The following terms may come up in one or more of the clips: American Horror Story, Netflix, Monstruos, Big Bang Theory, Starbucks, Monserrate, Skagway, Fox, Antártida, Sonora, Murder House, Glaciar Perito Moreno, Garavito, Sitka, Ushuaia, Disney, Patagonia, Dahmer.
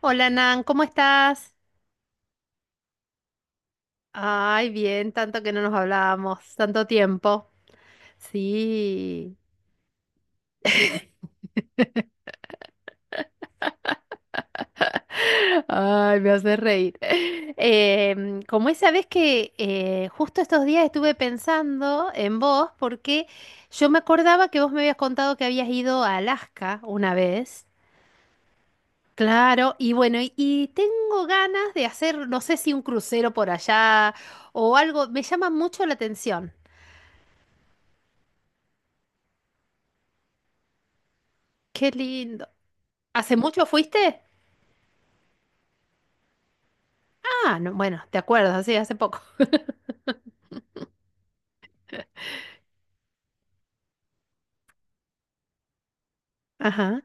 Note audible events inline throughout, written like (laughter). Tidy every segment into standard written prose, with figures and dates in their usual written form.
Hola Nan, ¿cómo estás? Ay, bien, tanto que no nos hablábamos, tanto tiempo. Sí. (laughs) Ay, me hace reír. (laughs) Como esa vez que justo estos días estuve pensando en vos, porque yo me acordaba que vos me habías contado que habías ido a Alaska una vez. Claro, y bueno, y tengo ganas de hacer, no sé si un crucero por allá o algo, me llama mucho la atención. Qué lindo. ¿Hace mucho fuiste? Ah, no, bueno, te acuerdas, sí, hace poco. (laughs) Ajá,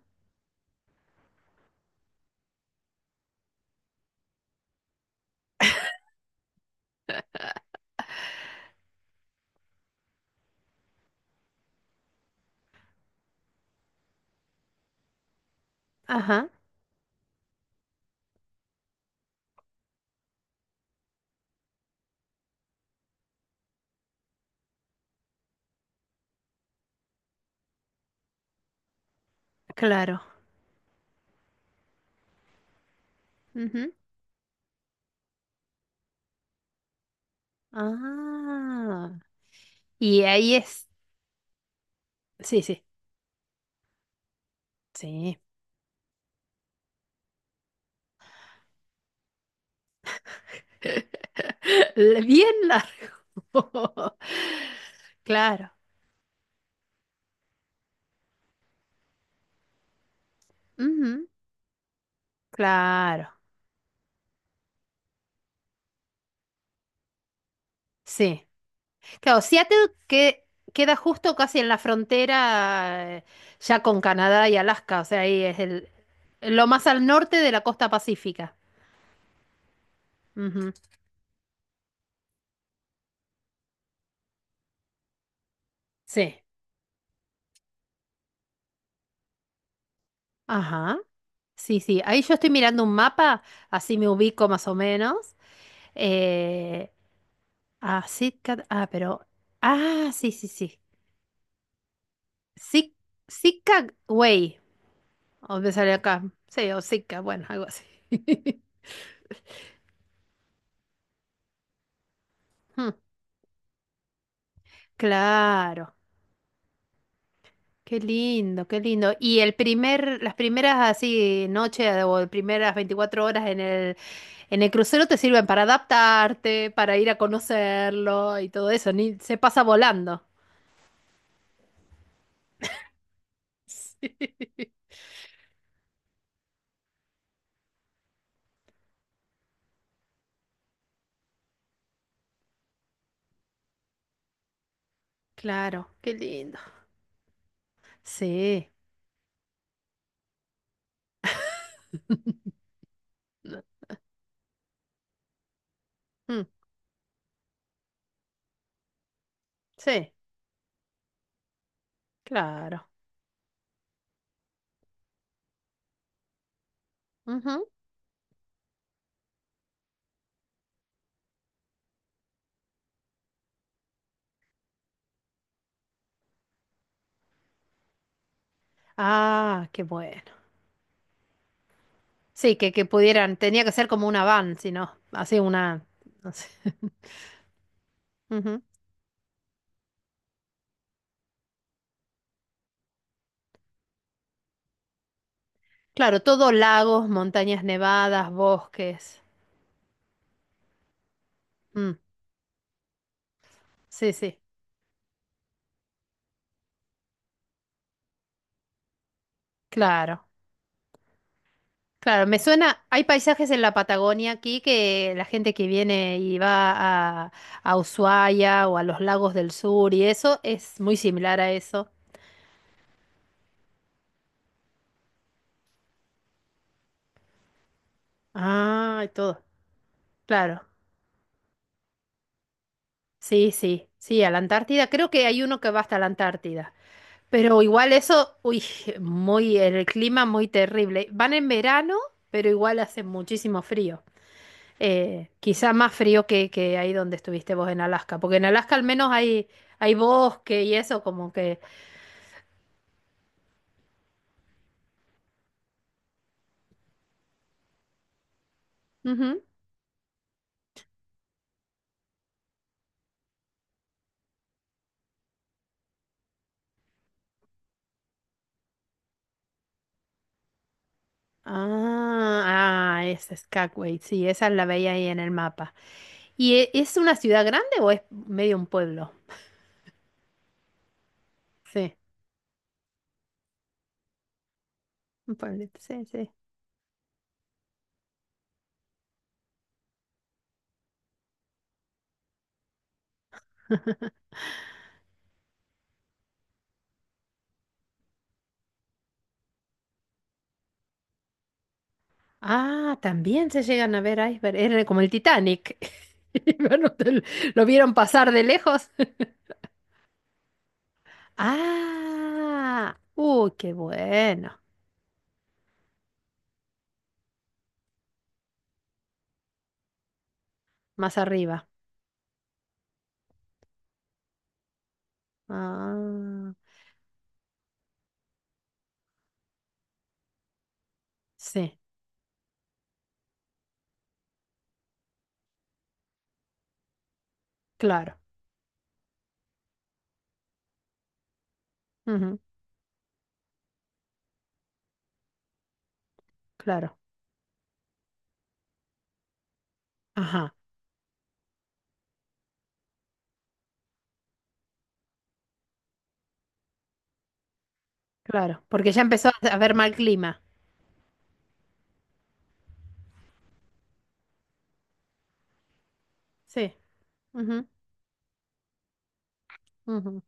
ajá, claro. Ujú. Ah, y ahí es. Sí, sí, sí. (laughs) Bien largo. (laughs) Claro, ujú, claro, sí. Claro, Seattle que queda justo casi en la frontera ya con Canadá y Alaska, o sea, ahí es el, lo más al norte de la costa pacífica. Ujú, sí. Ajá. Sí, sí, ahí yo estoy mirando un mapa, así me ubico más o menos. Eh, ah, ah, pero, ah, sí, sí, sí. Sic- Sitka Way, o me sale acá, sí, o Sitka, bueno, algo así. (laughs) Hmm, claro, qué lindo, qué lindo. Y las primeras así noches o las primeras 24 horas en el crucero te sirven para adaptarte, para ir a conocerlo y todo eso, ni, se pasa volando. (laughs) Sí. Claro, qué lindo. Sí. (laughs) No. Mm, sí, claro. Ujú. Ah, qué bueno. Sí, que pudieran, tenía que ser como una van, si no, así una, no sé. (laughs) Ujú. Claro, todo lagos, montañas nevadas, bosques. Mm, sí, sí, claro. Claro, me suena, hay paisajes en la Patagonia aquí que la gente que viene y va a, Ushuaia o a los lagos del sur y eso es muy similar a eso. Ah, y todo. Claro. Sí, sí, sí, a la Antártida. Creo que hay uno que va hasta la Antártida. Pero igual eso, uy, (laughs) el clima muy terrible. Van en verano, pero igual hace muchísimo frío. Quizá más frío que ahí donde estuviste vos en Alaska, porque en Alaska al menos hay bosque y eso como que... Ujú. Ah, ah, es Skagway, sí, esa la veía ahí en el mapa. ¿Y es una ciudad grande o es medio un pueblo? Sí. Un pueblito, sí, sí. Ah, también se llegan a ver iceberg. Era como el Titanic. (laughs) Y bueno, te lo vieron pasar de lejos. (laughs) Ah, uy, qué bueno. Más arriba. Ah, sí, claro. Ujú, claro. Ajá, claro. Porque ya empezó a haber mal clima. Sí. Ujú, ujú.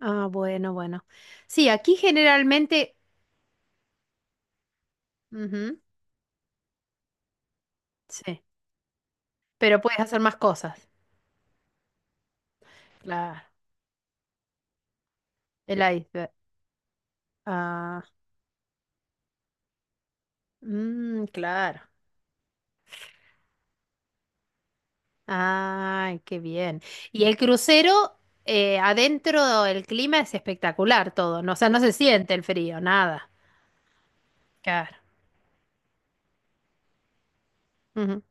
Ah, bueno, bueno. Sí, aquí generalmente. Ujú, sí. Pero puedes hacer más cosas. Claro. El iceberg. Ah. Mm, claro. Ay, qué bien. Y el crucero, adentro el clima es espectacular todo, ¿no? O sea, no se siente el frío, nada. Claro. Ujú.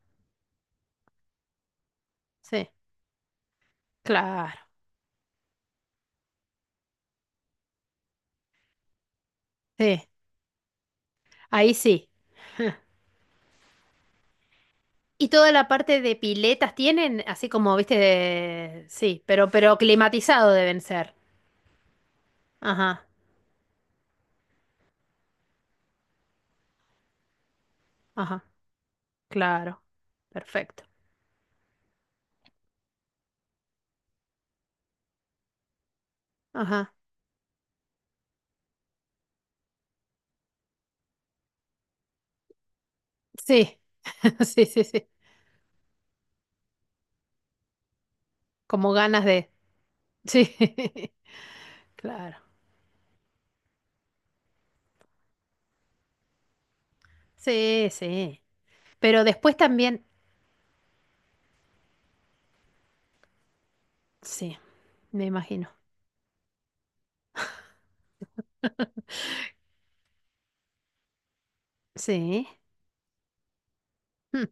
Sí, claro. Sí, ahí sí. Y toda la parte de piletas tienen, así como, viste, sí, pero climatizado deben ser. Ajá, ajá, claro. Perfecto. Ajá. Sí, (laughs) sí, sí, sí. Como ganas de... Sí, (laughs) claro. Sí, sí. Pero después también, sí, me imagino. Sí. Mm.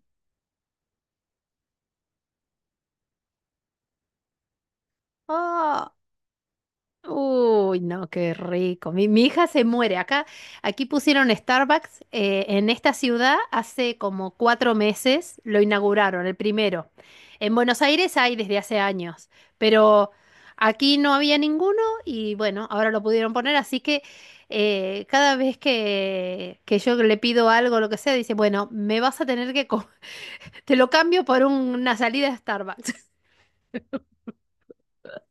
Ah, uy, no, qué rico. Mi hija se muere. Acá, aquí pusieron Starbucks en esta ciudad hace como cuatro meses, lo inauguraron, el primero. En Buenos Aires hay desde hace años, pero aquí no había ninguno y bueno, ahora lo pudieron poner, así que cada vez que yo le pido algo, lo que sea, dice, bueno, me vas a tener que comer. Te lo cambio por una salida a Starbucks.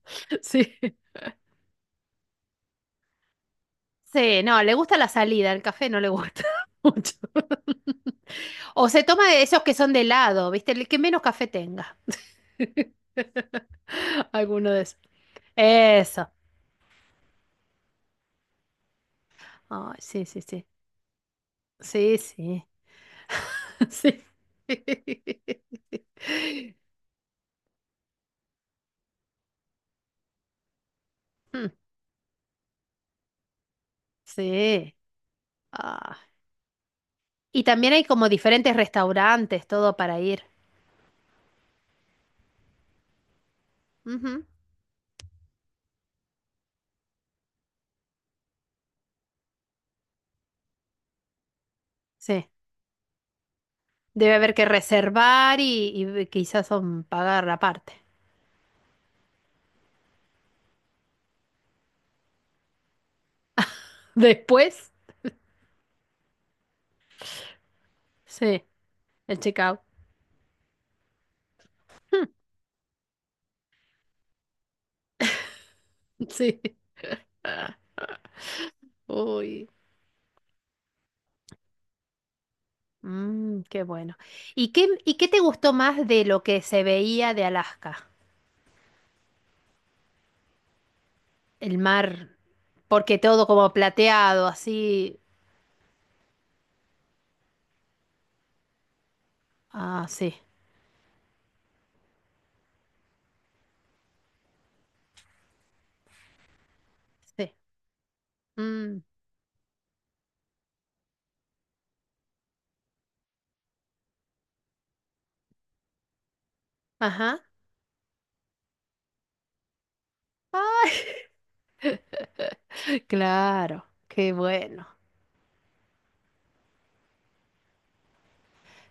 (laughs) Sí. Sí, no, le gusta la salida, el café no le gusta (laughs) mucho. O se toma de esos que son de helado, ¿viste? El que menos café tenga. (laughs) Alguno de esos. Eso. Ay, sí, sí, sí. Sí, sí. (laughs) Sí. Mm, sí. Ah. Y también hay como diferentes restaurantes, todo para ir. Ujú. Sí. Debe haber que reservar y, quizás son pagar aparte. Después, sí, el checkout. (laughs) Sí. Uy, mm, qué bueno. ¿Y qué te gustó más de lo que se veía de Alaska? El mar, porque todo como plateado, así. Ah, sí, sí. Mm, ajá. (laughs) Claro, qué bueno.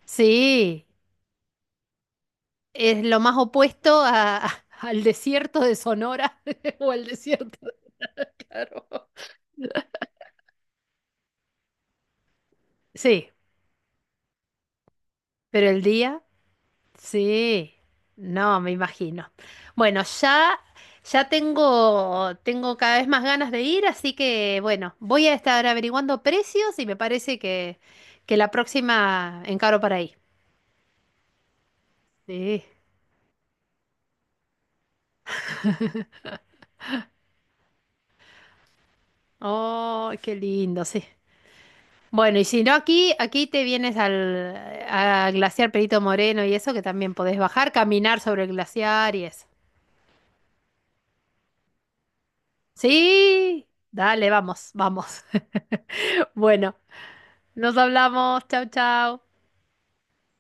Sí, es lo más opuesto al desierto de Sonora (laughs) o al desierto, claro. Sí, pero el día. Sí, no, me imagino. Bueno, ya tengo, cada vez más ganas de ir, así que bueno, voy a estar averiguando precios y me parece que la próxima encaro para ahí. Sí. Oh, qué lindo, sí. Bueno, y si no aquí, aquí te vienes a Glaciar Perito Moreno y eso, que también podés bajar, caminar sobre el glaciar y eso. Sí, dale, vamos, vamos. (laughs) Bueno, nos hablamos. Chau, chau.